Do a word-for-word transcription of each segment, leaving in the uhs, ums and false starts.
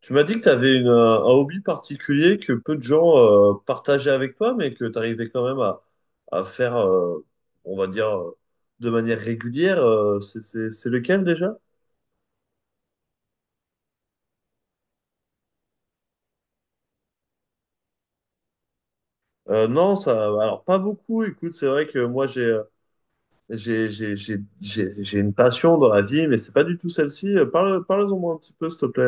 Tu m'as dit que tu avais une, euh, un hobby particulier que peu de gens euh, partageaient avec toi, mais que tu arrivais quand même à, à faire, euh, on va dire, euh, de manière régulière. euh, c'est c'est- c'est lequel déjà? Euh, non, ça, alors pas beaucoup. Écoute, c'est vrai que moi j'ai euh, j'ai j'ai j'ai j'ai j'ai une passion dans la vie, mais c'est pas du tout celle-ci. Euh, Parle, parle-en moi un petit peu, s'il te plaît.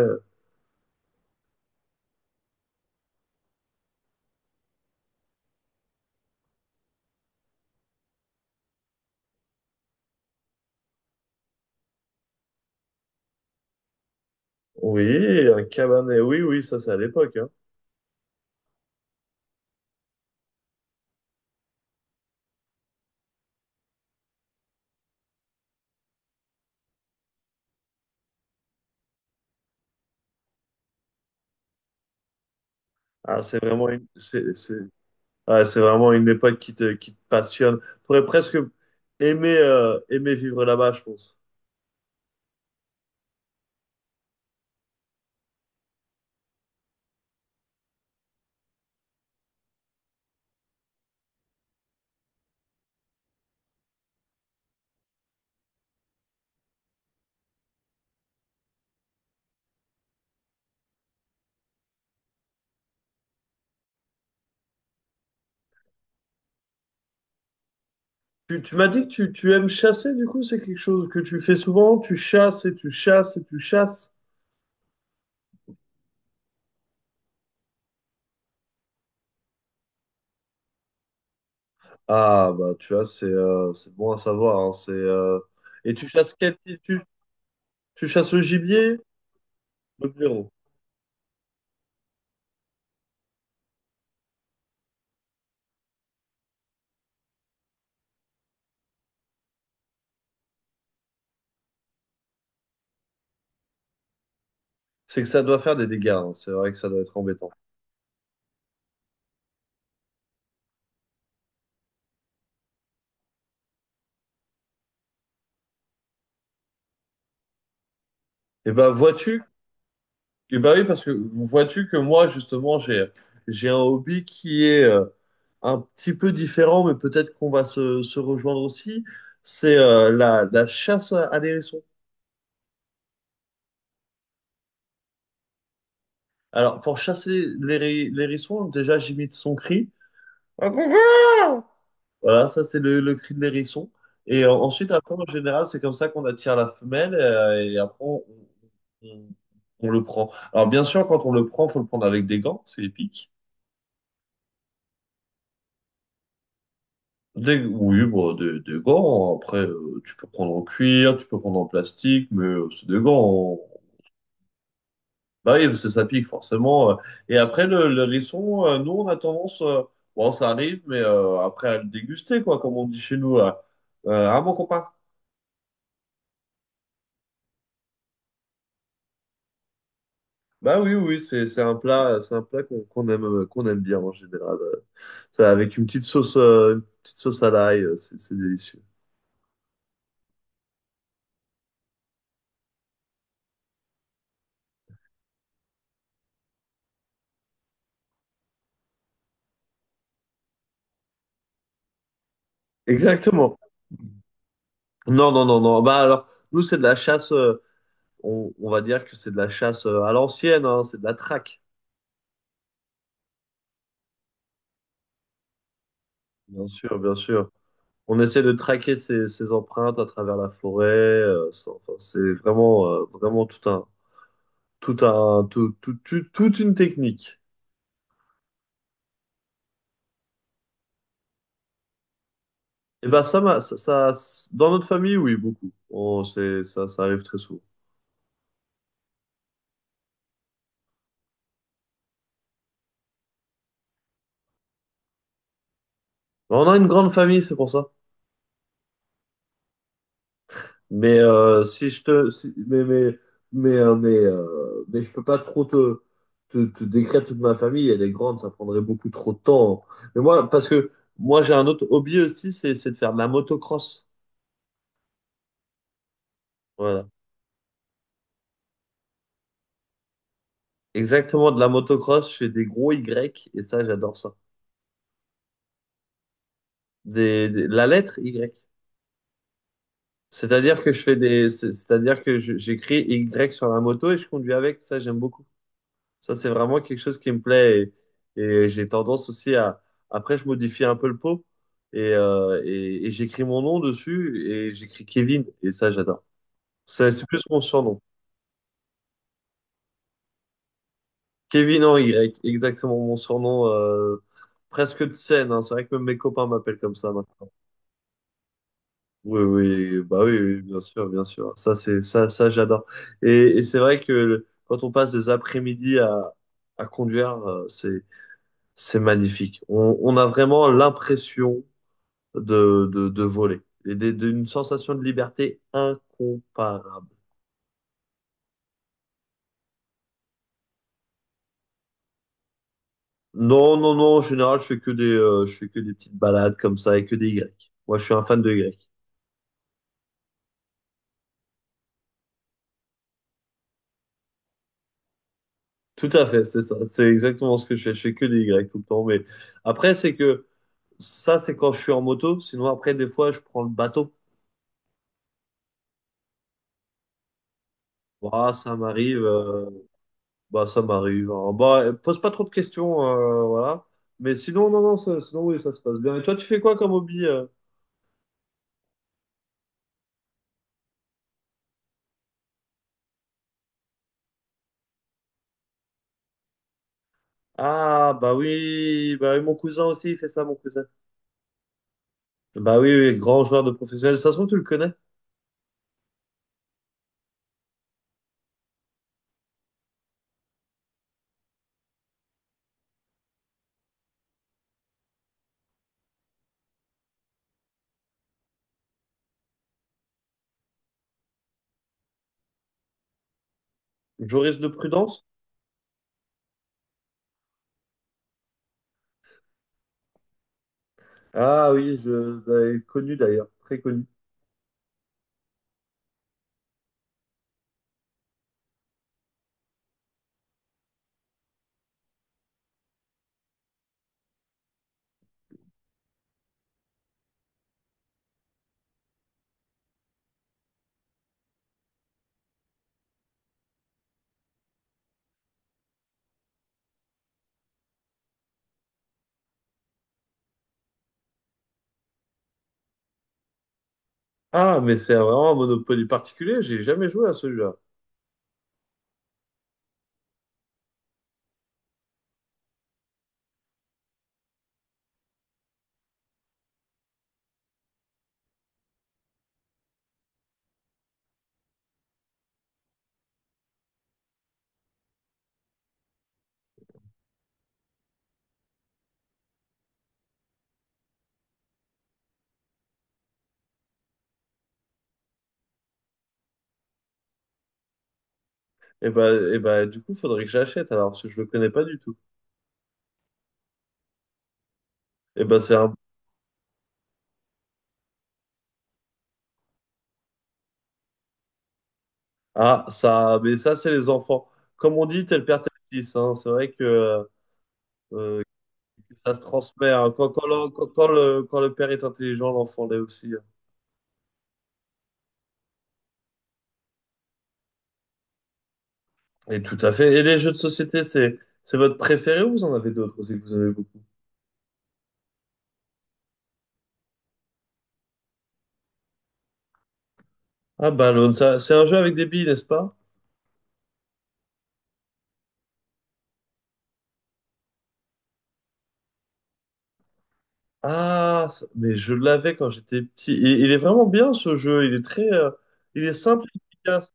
Oui, un cabaret. Oui, oui, ça c'est à l'époque, hein. Ah, c'est vraiment une, c'est c'est- ouais, c'est vraiment une époque qui te, qui te passionne. Tu aurais presque aimé, euh, aimé vivre là-bas, je pense. Tu, tu m'as dit que tu, tu aimes chasser, du coup, c'est quelque chose que tu fais souvent. Tu chasses et tu chasses et tu chasses. Ah bah, tu vois, c'est euh, c'est bon à savoir, hein, c'est, euh, et tu chasses quel type tu, tu chasses le gibier? Le blaireau. C'est que ça doit faire des dégâts, hein. C'est vrai que ça doit être embêtant. Et bah, vois-tu? Et bah oui, parce que vois-tu que moi, justement, j'ai, j'ai un hobby qui est euh, un petit peu différent, mais peut-être qu'on va se, se rejoindre aussi, c'est euh, la, la chasse à à l'hérisson. Alors, pour chasser l'héri- l'hérisson, déjà, j'imite son cri. Voilà, ça, c'est le, le cri de l'hérisson. Et euh, ensuite, après, en général, c'est comme ça qu'on attire la femelle euh, et après, on, on- on le prend. Alors, bien sûr, quand on le prend, faut le prendre avec des gants, c'est épique. Des, oui, bon, des, des gants. Après, euh, tu peux prendre en cuir, tu peux prendre en plastique, mais euh, c'est des gants. Bah oui, parce que ça pique forcément, euh. Et après, le, le hérisson, euh, nous, on a tendance, euh, bon, ça arrive, mais euh, après à le déguster, quoi, comme on dit chez nous. Euh, Euh, ah, mon copain. Bah oui, oui, c'est c'est un plat, c'est un plat qu'on qu'on aime, euh, qu'on aime bien en général. Euh, Ça, avec une petite sauce, euh, une petite sauce à l'ail, euh, c'est c'est délicieux. Exactement. Non, non, non, non. Bah alors, nous, c'est de la chasse, euh, on, on va dire que c'est de la chasse euh, à l'ancienne, hein, c'est de la traque. Bien sûr, bien sûr. On essaie de traquer ces, ces empreintes à travers la forêt. euh, ça- enfin, c'est vraiment, euh, vraiment tout un, tout un, tout, tout- tout- toute une technique. Et ben ça, m'a- ça, ça- Dans notre famille, oui, beaucoup. On, c'est, ça, ça arrive très souvent. Mais on a une grande famille, c'est pour ça. Mais euh, si je te, si- mais, mais, mais, euh, mais, euh, mais je peux pas trop te, te, te décrire toute ma famille. Elle est grande, ça prendrait beaucoup trop de temps. Mais moi, parce que moi, j'ai un autre hobby aussi, c'est, c'est de faire de la motocross. Voilà. Exactement, de la motocross, je fais des gros Y et ça, j'adore ça. Des, des- la lettre Y. C'est-à-dire que je fais des, c'est- c'est-à-dire que je- j'écris Y sur la moto et je conduis avec. Ça, j'aime beaucoup. Ça, c'est vraiment quelque chose qui me plaît et, et j'ai tendance aussi à, après, je modifie un peu le pot et, euh, et, et j'écris mon nom dessus et j'écris Kevin et ça, j'adore. Ça, c'est plus mon surnom. Kevin en Y, exactement mon surnom, euh, presque de scène, hein. C'est vrai que même mes copains m'appellent comme ça maintenant. Oui, oui, bah oui, oui, bien sûr, bien sûr. Ça, c'est ça, ça, j'adore. Et, et c'est vrai que le- quand on passe des après-midi à, à conduire, euh, c'est c'est magnifique. On, on a vraiment l'impression de, de, de voler et des- d'une sensation de liberté incomparable. Non, non, non. En général, je fais que des, euh, je fais que des petites balades comme ça et que des Y. Moi, je suis un fan de Y. Tout à fait, c'est ça. C'est exactement ce que je fais. Je fais que des Y tout le temps. Mais après, c'est que ça, c'est quand je suis en moto. Sinon, après, des fois, je prends le bateau. Bah, ça m'arrive, euh, bah, ça m'arrive, hein. Bah, euh, pose pas trop de questions, euh, voilà. Mais sinon, non, non, ça- sinon, oui, ça se passe bien. Et toi, tu fais quoi comme hobby, euh Ah, bah oui, bah oui, mon cousin aussi, il fait ça, mon cousin. Bah oui, oui, grand joueur de professionnel. Ça se trouve, tu le connais. Joris de Prudence. Ah oui, je l'avais connu d'ailleurs. Très connu. Ah, mais c'est vraiment un Monopoly particulier. J'ai jamais joué à celui-là. Et bah, et bah, du coup, faudrait que j'achète alors, parce que je le connais pas du tout. Eh ben c'est un... Ah, ça, mais ça, c'est les enfants. Comme on dit, tel père, tel fils, hein. C'est vrai que euh, ça se transmet, hein. Quand, quand le, quand- quand le, quand le père est intelligent, l'enfant l'est aussi, hein. Et tout à fait. Et les jeux de société, c'est, c'est votre préféré ou vous en avez d'autres aussi que vous avez beaucoup? Ah, Ballon, ça, c'est un jeu avec des billes, n'est-ce pas? Ah, ça- mais je l'avais quand j'étais petit. Et il est vraiment bien ce jeu. Il est très, euh, il est simple et efficace.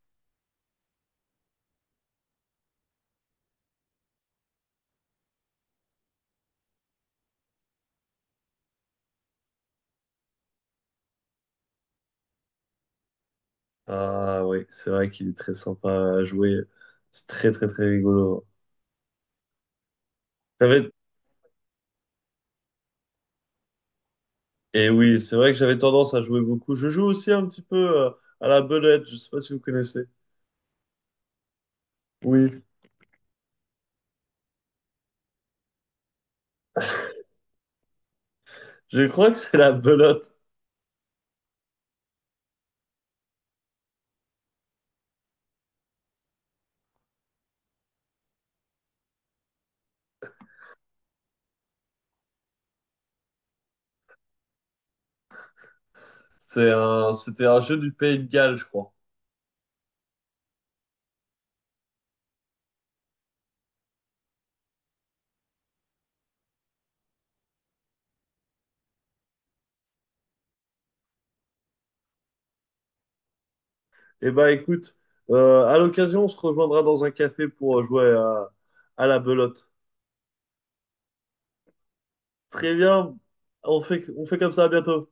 Ah oui, c'est vrai qu'il est très sympa à jouer. C'est très, très, très rigolo. T'avais, et oui, c'est vrai que j'avais tendance à jouer beaucoup. Je joue aussi un petit peu euh, à la belote, je sais pas si vous connaissez. Oui, je crois que c'est la belote. C'est un, c'était un jeu du Pays de Galles, je crois. Eh ben écoute, euh, à l'occasion, on se rejoindra dans un café pour euh, jouer à, à la belote. Très bien, on fait, on fait comme ça, à bientôt.